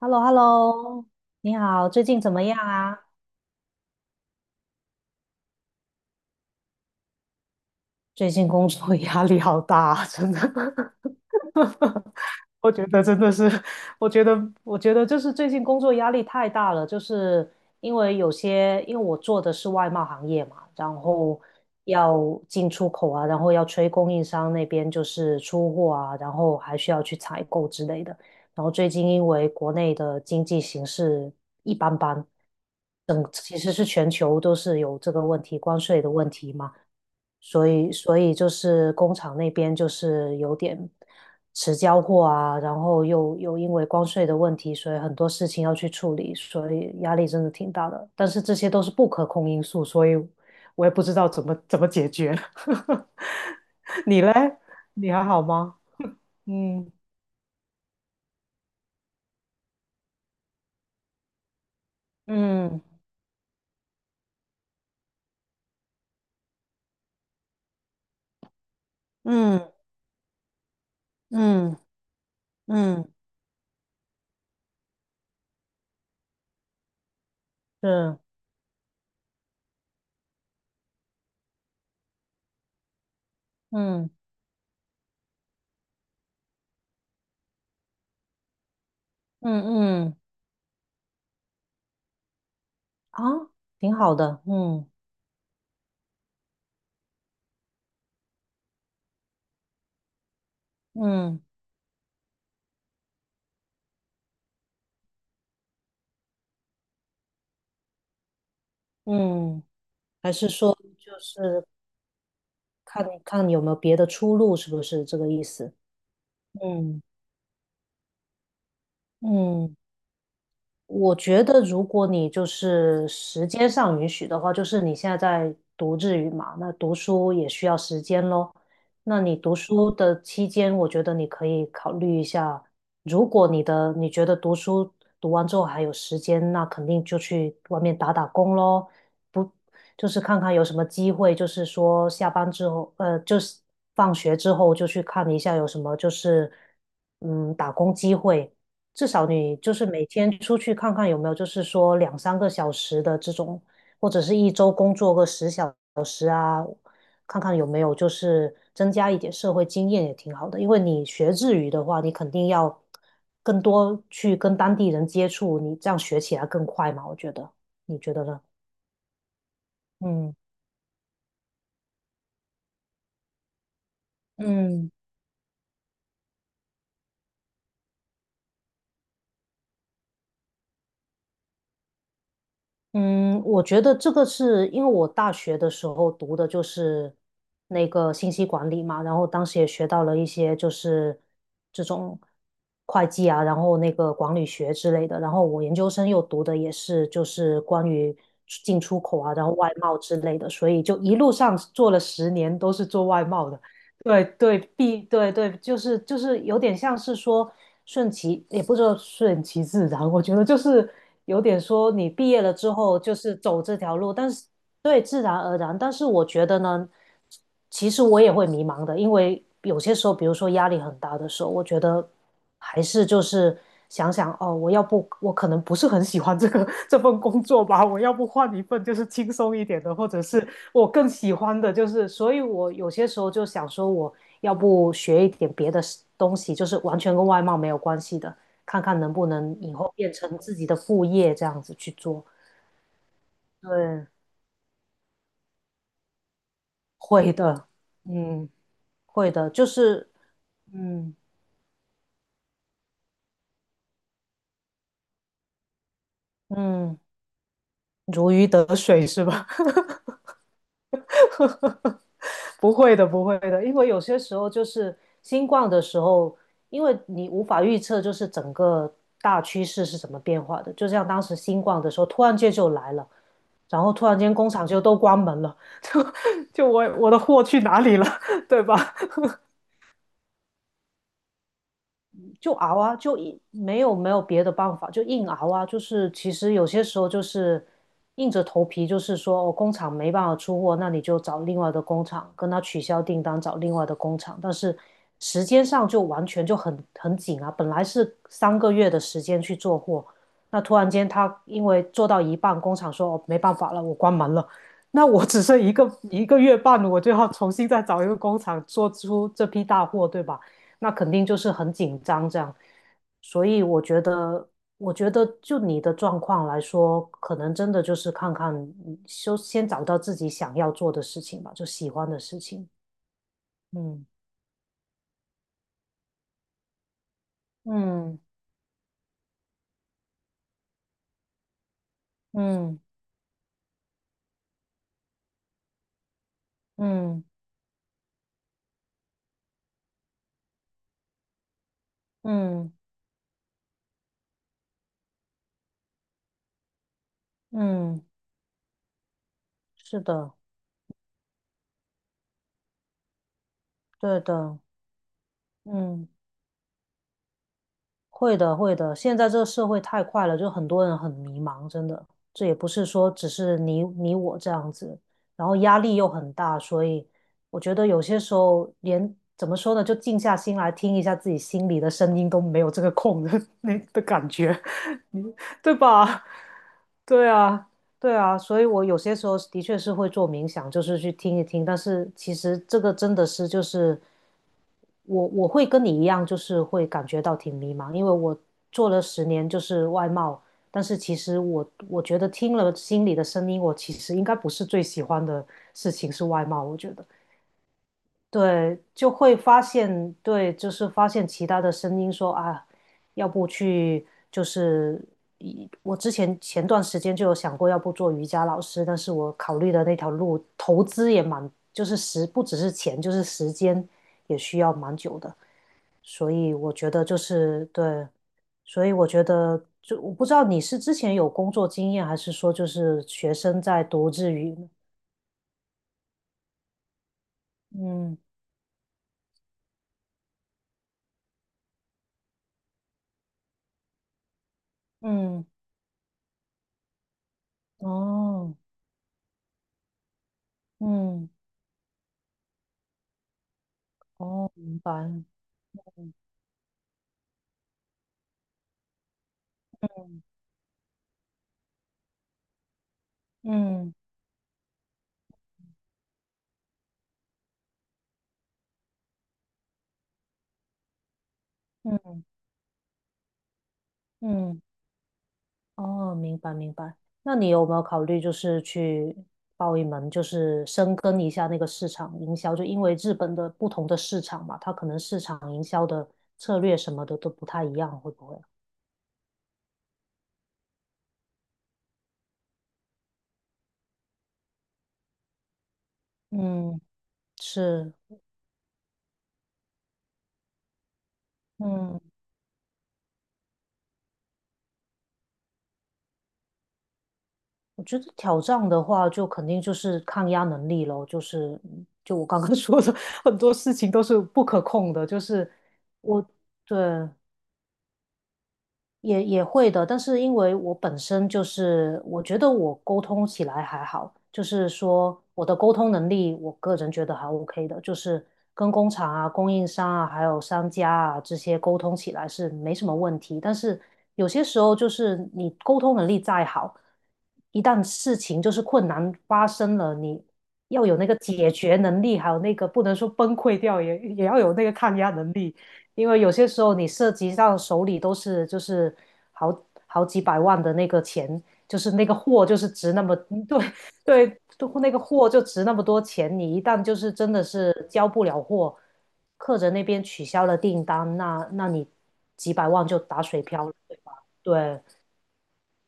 h e l l o h e l l o 你好，最近怎么样啊？最近工作压力好大啊，真的。我觉得真的是，我觉得，我觉得就是最近工作压力太大了，就是因为我做的是外贸行业嘛，然后要进出口啊，然后要催供应商那边就是出货啊，然后还需要去采购之类的。然后最近因为国内的经济形势一般般，其实是全球都是有这个问题，关税的问题嘛。所以就是工厂那边就是有点迟交货啊，然后又因为关税的问题，所以很多事情要去处理，所以压力真的挺大的。但是这些都是不可控因素，所以我也不知道怎么解决。你嘞？你还好吗？嗯嗯嗯嗯嗯，是，嗯嗯嗯。啊，挺好的。嗯嗯嗯。还是说就是看看有没有别的出路，是不是这个意思？嗯。嗯，我觉得，如果你就是时间上允许的话，就是你现在在读日语嘛，那读书也需要时间咯。那你读书的期间，我觉得你可以考虑一下，如果你觉得读书读完之后还有时间，那肯定就去外面打打工咯，不就是看看有什么机会，就是说下班之后，就是放学之后就去看一下有什么就是打工机会。至少你就是每天出去看看有没有，就是说两三个小时的这种，或者是一周工作个十小，看看有没有就是增加一点社会经验也挺好的。因为你学日语的话，你肯定要更多去跟当地人接触，你这样学起来更快嘛，我觉得，你觉得呢？嗯嗯嗯。我觉得这个是因为我大学的时候读的就是那个信息管理嘛，然后当时也学到了一些就是这种会计啊，然后那个管理学之类的，然后我研究生又读的也是就是关于进出口啊，然后外贸之类的，所以就一路上做了十年都是做外贸的。对对对对，就是有点像是说顺其，也不知道顺其自然。我觉得就是有点说你毕业了之后就是走这条路，但是对自然而然。但是我觉得呢，其实我也会迷茫的，因为有些时候，比如说压力很大的时候，我觉得还是就是想想哦，我要不我可能不是很喜欢这个 这份工作吧，我要不换一份就是轻松一点的，或者是我更喜欢的就是，所以我有些时候就想说，我要不学一点别的东西，就是完全跟外贸没有关系的，看看能不能以后变成自己的副业这样子去做。对，会的。嗯，会的，就是，嗯嗯，如鱼得水是吧？不会的，不会的。因为有些时候就是新冠的时候，因为你无法预测，就是整个大趋势是怎么变化的。就像当时新冠的时候，突然间就来了，然后突然间工厂就都关门了，就我的货去哪里了，对吧？就熬啊，就没有别的办法，就硬熬啊。就是其实有些时候就是硬着头皮，就是说哦，工厂没办法出货，那你就找另外的工厂跟他取消订单，找另外的工厂。但是时间上就完全就很紧啊，本来是3个月的时间去做货，那突然间他因为做到一半，工厂说哦没办法了，我关门了。那我只剩一个月半，我就要重新再找一个工厂做出这批大货，对吧？那肯定就是很紧张这样。所以我觉得，就你的状况来说，可能真的就是看看，嗯就先找到自己想要做的事情吧，就喜欢的事情。嗯嗯嗯嗯嗯嗯。是的。对的。嗯。会的，会的。现在这个社会太快了，就很多人很迷茫，真的。这也不是说只是你我这样子，然后压力又很大，所以我觉得有些时候连怎么说呢，就静下心来听一下自己心里的声音都没有这个空的 那的感觉，你对吧？对啊，对啊。所以我有些时候的确是会做冥想，就是去听一听，但是其实这个真的是就是。我会跟你一样，就是会感觉到挺迷茫，因为我做了十年就是外贸，但是其实我觉得听了心里的声音，我其实应该不是最喜欢的事情是外贸。我觉得对，就会发现对，就是发现其他的声音说啊，要不去就是我之前段时间就有想过，要不做瑜伽老师，但是我考虑的那条路投资也蛮，就是不只是钱，就是时间也需要蛮久的。所以我觉得就是对，所以我觉得就我不知道你是之前有工作经验，还是说就是学生在读日语呢？嗯嗯。哦。嗯。哦，明白。嗯嗯嗯。哦，明白明白。那你有没有考虑就是去报一门，就是深耕一下那个市场营销？就因为日本的不同的市场嘛，它可能市场营销的策略什么的都不太一样，会不会？嗯，是。嗯，我觉得挑战的话，就肯定就是抗压能力咯，就是就我刚刚 说的，很多事情都是不可控的，就是我对也会的，但是因为我本身就是，我觉得我沟通起来还好，就是说我的沟通能力，我个人觉得还 OK 的，就是跟工厂啊、供应商啊、还有商家啊这些沟通起来是没什么问题。但是有些时候就是你沟通能力再好，一旦事情就是困难发生了，你要有那个解决能力，还有那个不能说崩溃掉，也要有那个抗压能力。因为有些时候你涉及到手里都是就是好几百万的那个钱，就是那个货就是值那么，嗯对对，那个货就值那么多钱，你一旦就是真的是交不了货，客人那边取消了订单，那你几百万就打水漂了，对吧？对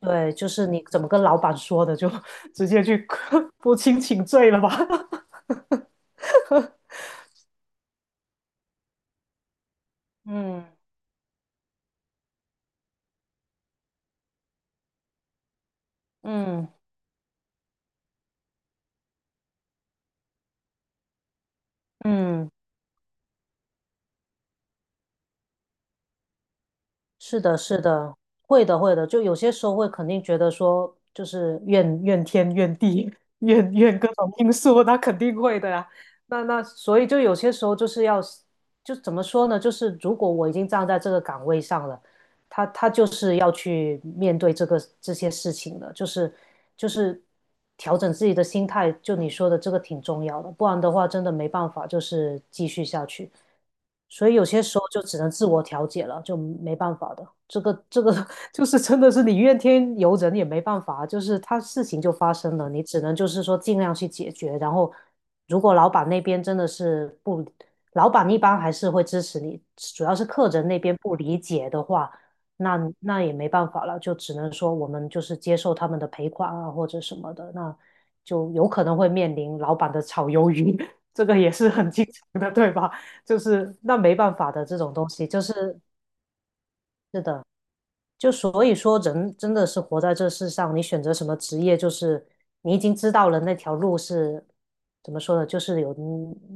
对，就是你怎么跟老板说的，就 直接去 不清请罪了吧？嗯嗯嗯。是的，是的，会的，会的。就有些时候会肯定觉得说，就是怨天怨地 怨各种因素，那肯定会的呀。那所以就有些时候就是要，就怎么说呢？就是如果我已经站在这个岗位上了，他就是要去面对这些事情的，就是调整自己的心态，就你说的这个挺重要的，不然的话真的没办法，就是继续下去。所以有些时候就只能自我调节了，就没办法的。这个 就是真的是你怨天尤人也没办法，就是他事情就发生了，你只能就是说尽量去解决。然后，如果老板那边真的是不，老板一般还是会支持你，主要是客人那边不理解的话，那也没办法了，就只能说我们就是接受他们的赔款啊，或者什么的，那就有可能会面临老板的炒鱿鱼，这个也是很经常的，对吧？就是那没办法的这种东西，就是是的，就所以说，人真的是活在这世上，你选择什么职业，就是你已经知道了那条路是怎么说呢，就是有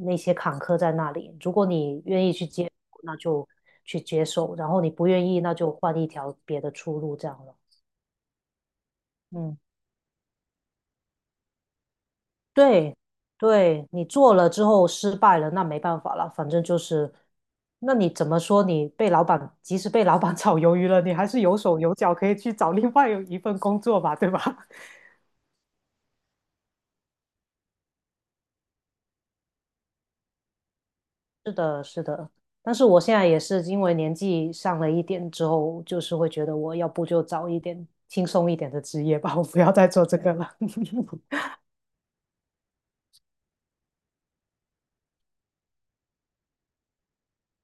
那些坎坷在那里。如果你愿意去接受那就去接受；然后你不愿意，那就换一条别的出路，这样了。嗯，对，对，你做了之后失败了，那没办法了，反正就是，那你怎么说？你被老板，即使被老板 炒鱿鱼了，你还是有手有脚，可以去找另外一份工作吧，对吧？是的，是的，但是我现在也是因为年纪上了一点之后，就是会觉得我要不就找一点轻松一点的职业吧，我不要再做这个了。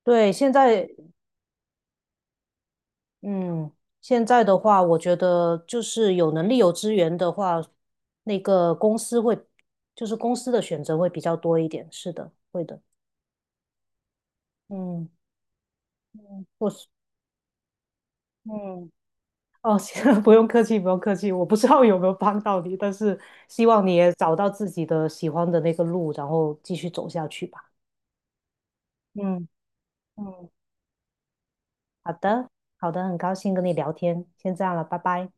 对，嗯，现在的话，我觉得就是有能力、有资源的话，那个公司会，就是公司的选择会比较多一点。是的，会的。嗯，嗯，我是，嗯。哦，行，不用客气，不用客气。我不知道有没有帮到你，但是希望你也找到自己的喜欢的那个路，然后继续走下去吧。嗯嗯，好的，好的，很高兴跟你聊天，先这样了，拜拜。